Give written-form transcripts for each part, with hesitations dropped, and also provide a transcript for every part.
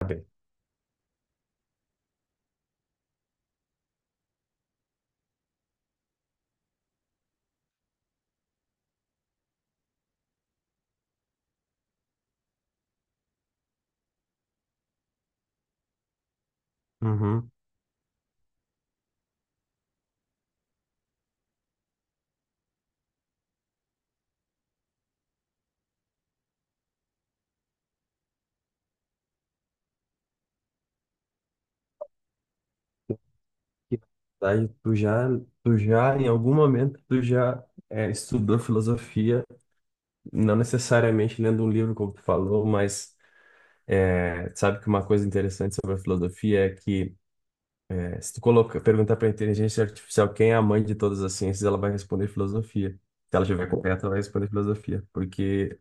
Sabe? Uhum. Que, na verdade, tu já, em algum momento, tu já estudou filosofia, não necessariamente lendo um livro, como tu falou, mas sabe que uma coisa interessante sobre a filosofia é que se tu coloca, perguntar para a inteligência artificial quem é a mãe de todas as ciências, ela vai responder filosofia. Se ela estiver correta, ela vai responder filosofia, porque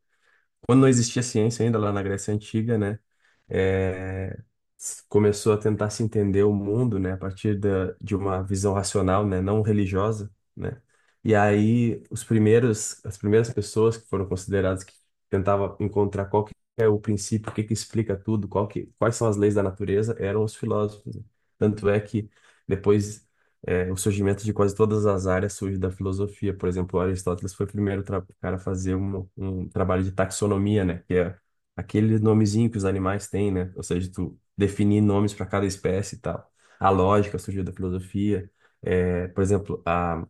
quando não existia ciência ainda lá na Grécia Antiga, né? é, Começou a tentar se entender o mundo, né, a partir de uma visão racional, né, não religiosa, né? E aí os primeiros, as primeiras pessoas que foram consideradas que tentavam encontrar qual que é o princípio, o que que explica tudo, qual que, quais são as leis da natureza, eram os filósofos, né? Tanto é que depois o surgimento de quase todas as áreas surge da filosofia. Por exemplo, Aristóteles foi o primeiro cara a fazer um trabalho de taxonomia, né? Que é aquele nomezinho que os animais têm, né? Ou seja, tu definir nomes para cada espécie e tal. A lógica surgiu da filosofia. É, por exemplo, a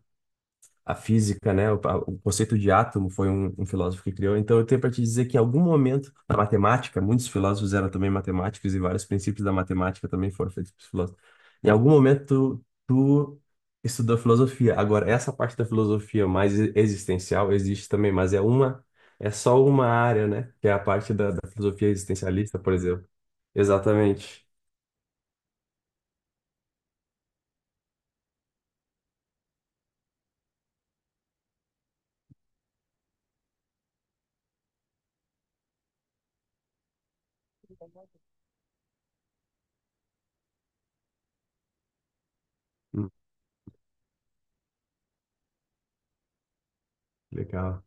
a física, né, o conceito de átomo foi um filósofo que criou. Então, eu tenho para te dizer que em algum momento na matemática, muitos filósofos eram também matemáticos e vários princípios da matemática também foram feitos por filósofos. Em algum momento, tu estudou filosofia. Agora, essa parte da filosofia mais existencial existe também, mas é é só uma área, né, que é a parte da filosofia existencialista, por exemplo. Exatamente. Hum. Legal.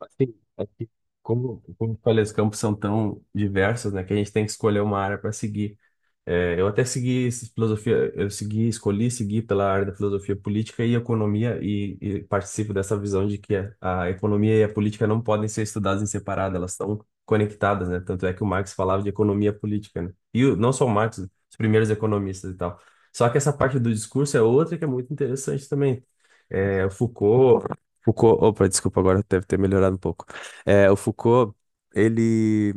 Assim, é que como eu falei, os campos são tão diversos, né, que a gente tem que escolher uma área para seguir. É, eu até segui filosofia, eu segui, escolhi seguir pela área da filosofia política e economia e participo dessa visão de que a economia e a política não podem ser estudadas em separado, elas estão conectadas, né? Tanto é que o Marx falava de economia política, né? E não só o Marx, os primeiros economistas e tal. Só que essa parte do discurso é outra que é muito interessante também. É, o Foucault, Foucault, opa, desculpa, agora deve ter melhorado um pouco. É, o Foucault, ele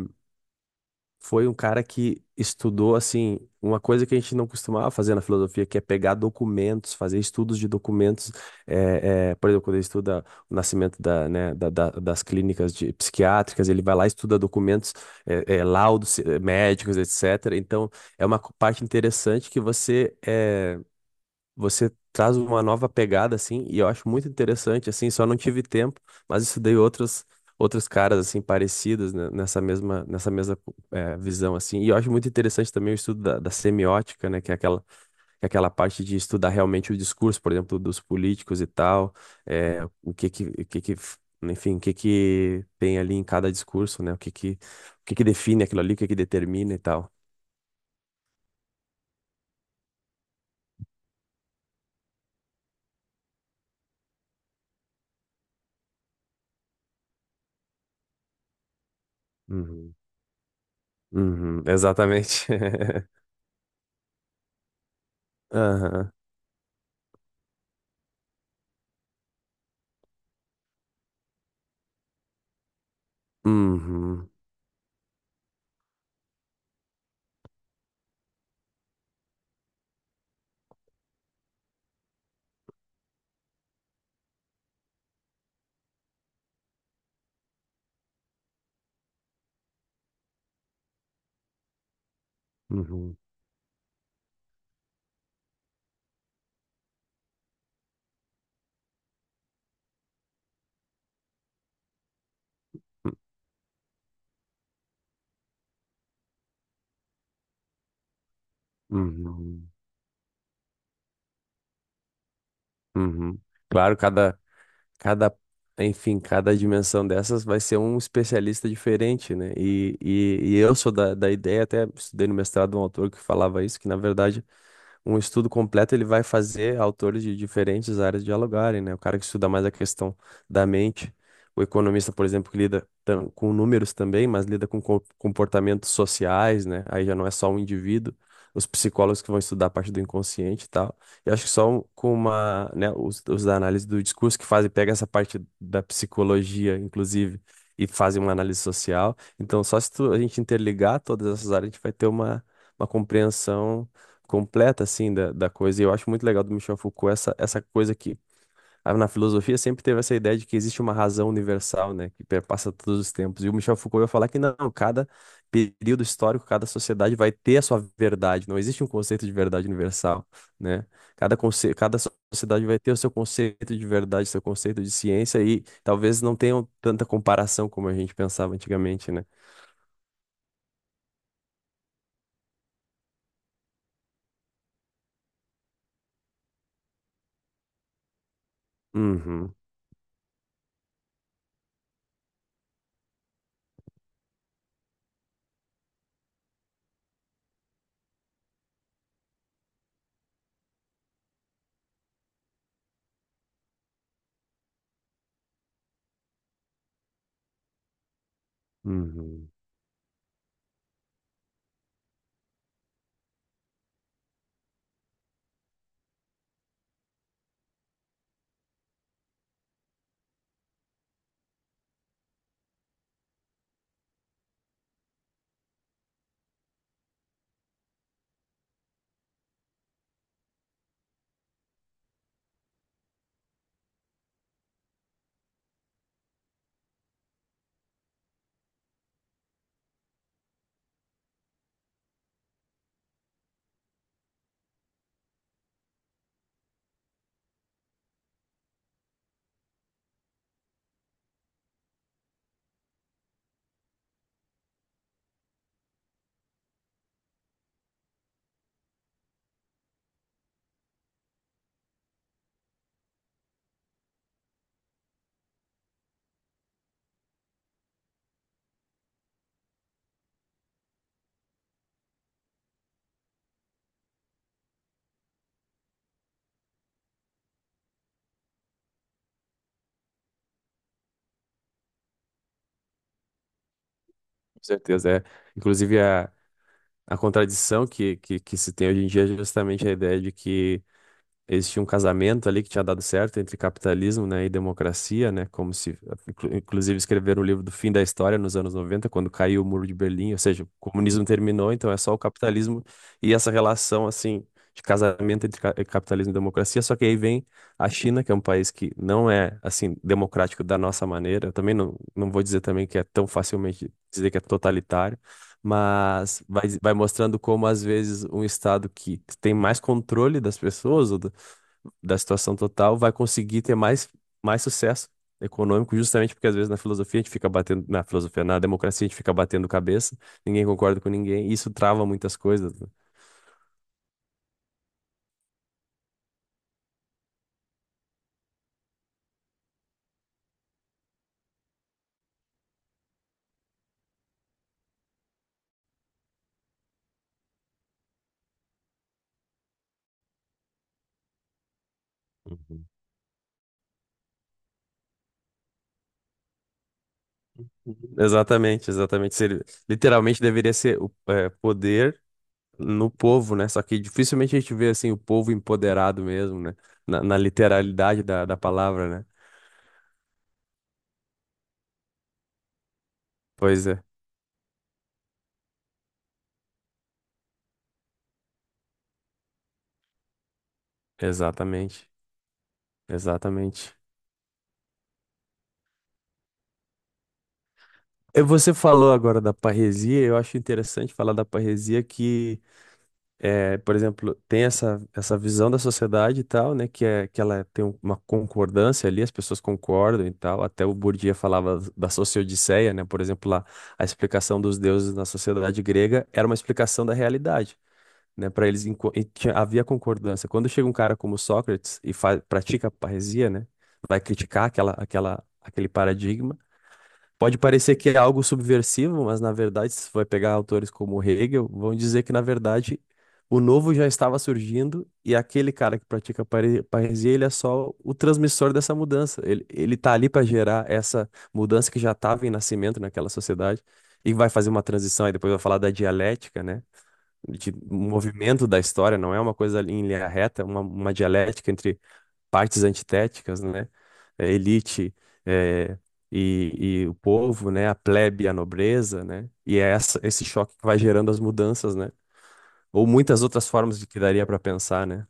foi um cara que estudou, assim, uma coisa que a gente não costumava fazer na filosofia, que é pegar documentos, fazer estudos de documentos. Por exemplo, quando ele estuda o nascimento da, né, das clínicas psiquiátricas, ele vai lá e estuda documentos, laudos, médicos, etc. Então, é uma parte interessante que você... é, você traz uma nova pegada assim, e eu acho muito interessante assim, só não tive tempo, mas estudei outros caras assim parecidos, né, nessa mesma visão assim. E eu acho muito interessante também o estudo da semiótica, né, que é aquela parte de estudar realmente o discurso, por exemplo, dos políticos e tal, o que que enfim, o que que tem ali em cada discurso, né? O que que define aquilo ali, o que que determina e tal. Uhum. Uhum, exatamente. Aham. Uhum, uhum, uhum, uhum. Claro, cada, cada, Enfim, cada dimensão dessas vai ser um especialista diferente, né? E eu sou da ideia, até estudei no mestrado um autor que falava isso, que na verdade um estudo completo ele vai fazer autores de diferentes áreas dialogarem, né? O cara que estuda mais a questão da mente, o economista, por exemplo, que lida com números também, mas lida com comportamentos sociais, né? Aí já não é só um indivíduo. Os psicólogos que vão estudar a parte do inconsciente e tal. Eu acho que só com uma, né, os da análise do discurso que fazem, pega essa parte da psicologia, inclusive, e fazem uma análise social. Então, só se a gente interligar todas essas áreas, a gente vai ter uma compreensão completa assim da coisa. E eu acho muito legal do Michel Foucault essa coisa que ah, na filosofia sempre teve essa ideia de que existe uma razão universal, né, que perpassa todos os tempos. E o Michel Foucault vai falar que não, cada período histórico, cada sociedade vai ter a sua verdade. Não existe um conceito de verdade universal, né? Cada sociedade vai ter o seu conceito de verdade, seu conceito de ciência e talvez não tenham tanta comparação como a gente pensava antigamente, né? Uhum. Uhum. Com certeza, é. Inclusive, a, A contradição que se tem hoje em dia é justamente a ideia de que eles tinham um casamento ali que tinha dado certo entre capitalismo, né, e democracia, né, como se, inclusive, escreveram o livro do fim da história nos anos 90, quando caiu o Muro de Berlim, ou seja, o comunismo terminou, então é só o capitalismo e essa relação, assim, de casamento entre capitalismo e democracia, só que aí vem a China, que é um país que não é, assim, democrático da nossa maneira, eu também não vou dizer também que é tão facilmente dizer que é totalitário, mas vai mostrando como às vezes um estado que tem mais controle das pessoas, ou da situação total, vai conseguir ter mais sucesso econômico, justamente porque às vezes na filosofia a gente fica batendo, na filosofia, na democracia a gente fica batendo cabeça, ninguém concorda com ninguém, e isso trava muitas coisas, né? Uhum. Exatamente, exatamente. Literalmente deveria ser o é, poder no povo, né? Só que dificilmente a gente vê assim o povo empoderado mesmo, né? Na literalidade da palavra, né? Pois é, exatamente, exatamente. Você falou agora da parresia, eu acho interessante falar da parresia que, por exemplo, tem essa visão da sociedade e tal, né, que ela tem uma concordância ali, as pessoas concordam e tal, até o Bourdieu falava da sociodiceia, né, por exemplo, lá, a explicação dos deuses na sociedade grega era uma explicação da realidade, né, para eles havia concordância. Quando chega um cara como Sócrates e pratica a parresia, né, vai criticar aquele paradigma. Pode parecer que é algo subversivo, mas na verdade, se vai pegar autores como Hegel, vão dizer que na verdade o novo já estava surgindo e aquele cara que pratica parresia, ele é só o transmissor dessa mudança. Ele tá ali para gerar essa mudança que já estava em nascimento naquela sociedade e vai fazer uma transição. Aí depois vai falar da dialética, né? De um movimento da história, não é uma coisa em linha reta, é uma dialética entre partes antitéticas, né? A elite eh, e o povo, né? A plebe e a nobreza, né? E é essa, esse choque que vai gerando as mudanças, né? Ou muitas outras formas de que daria para pensar, né?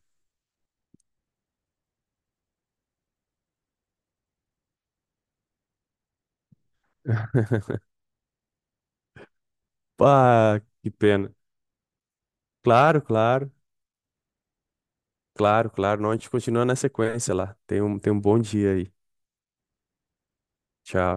Ah, que pena. Claro, claro, Claro, claro. Não, a gente continua na sequência lá. Tem tem um bom dia aí. Tchau.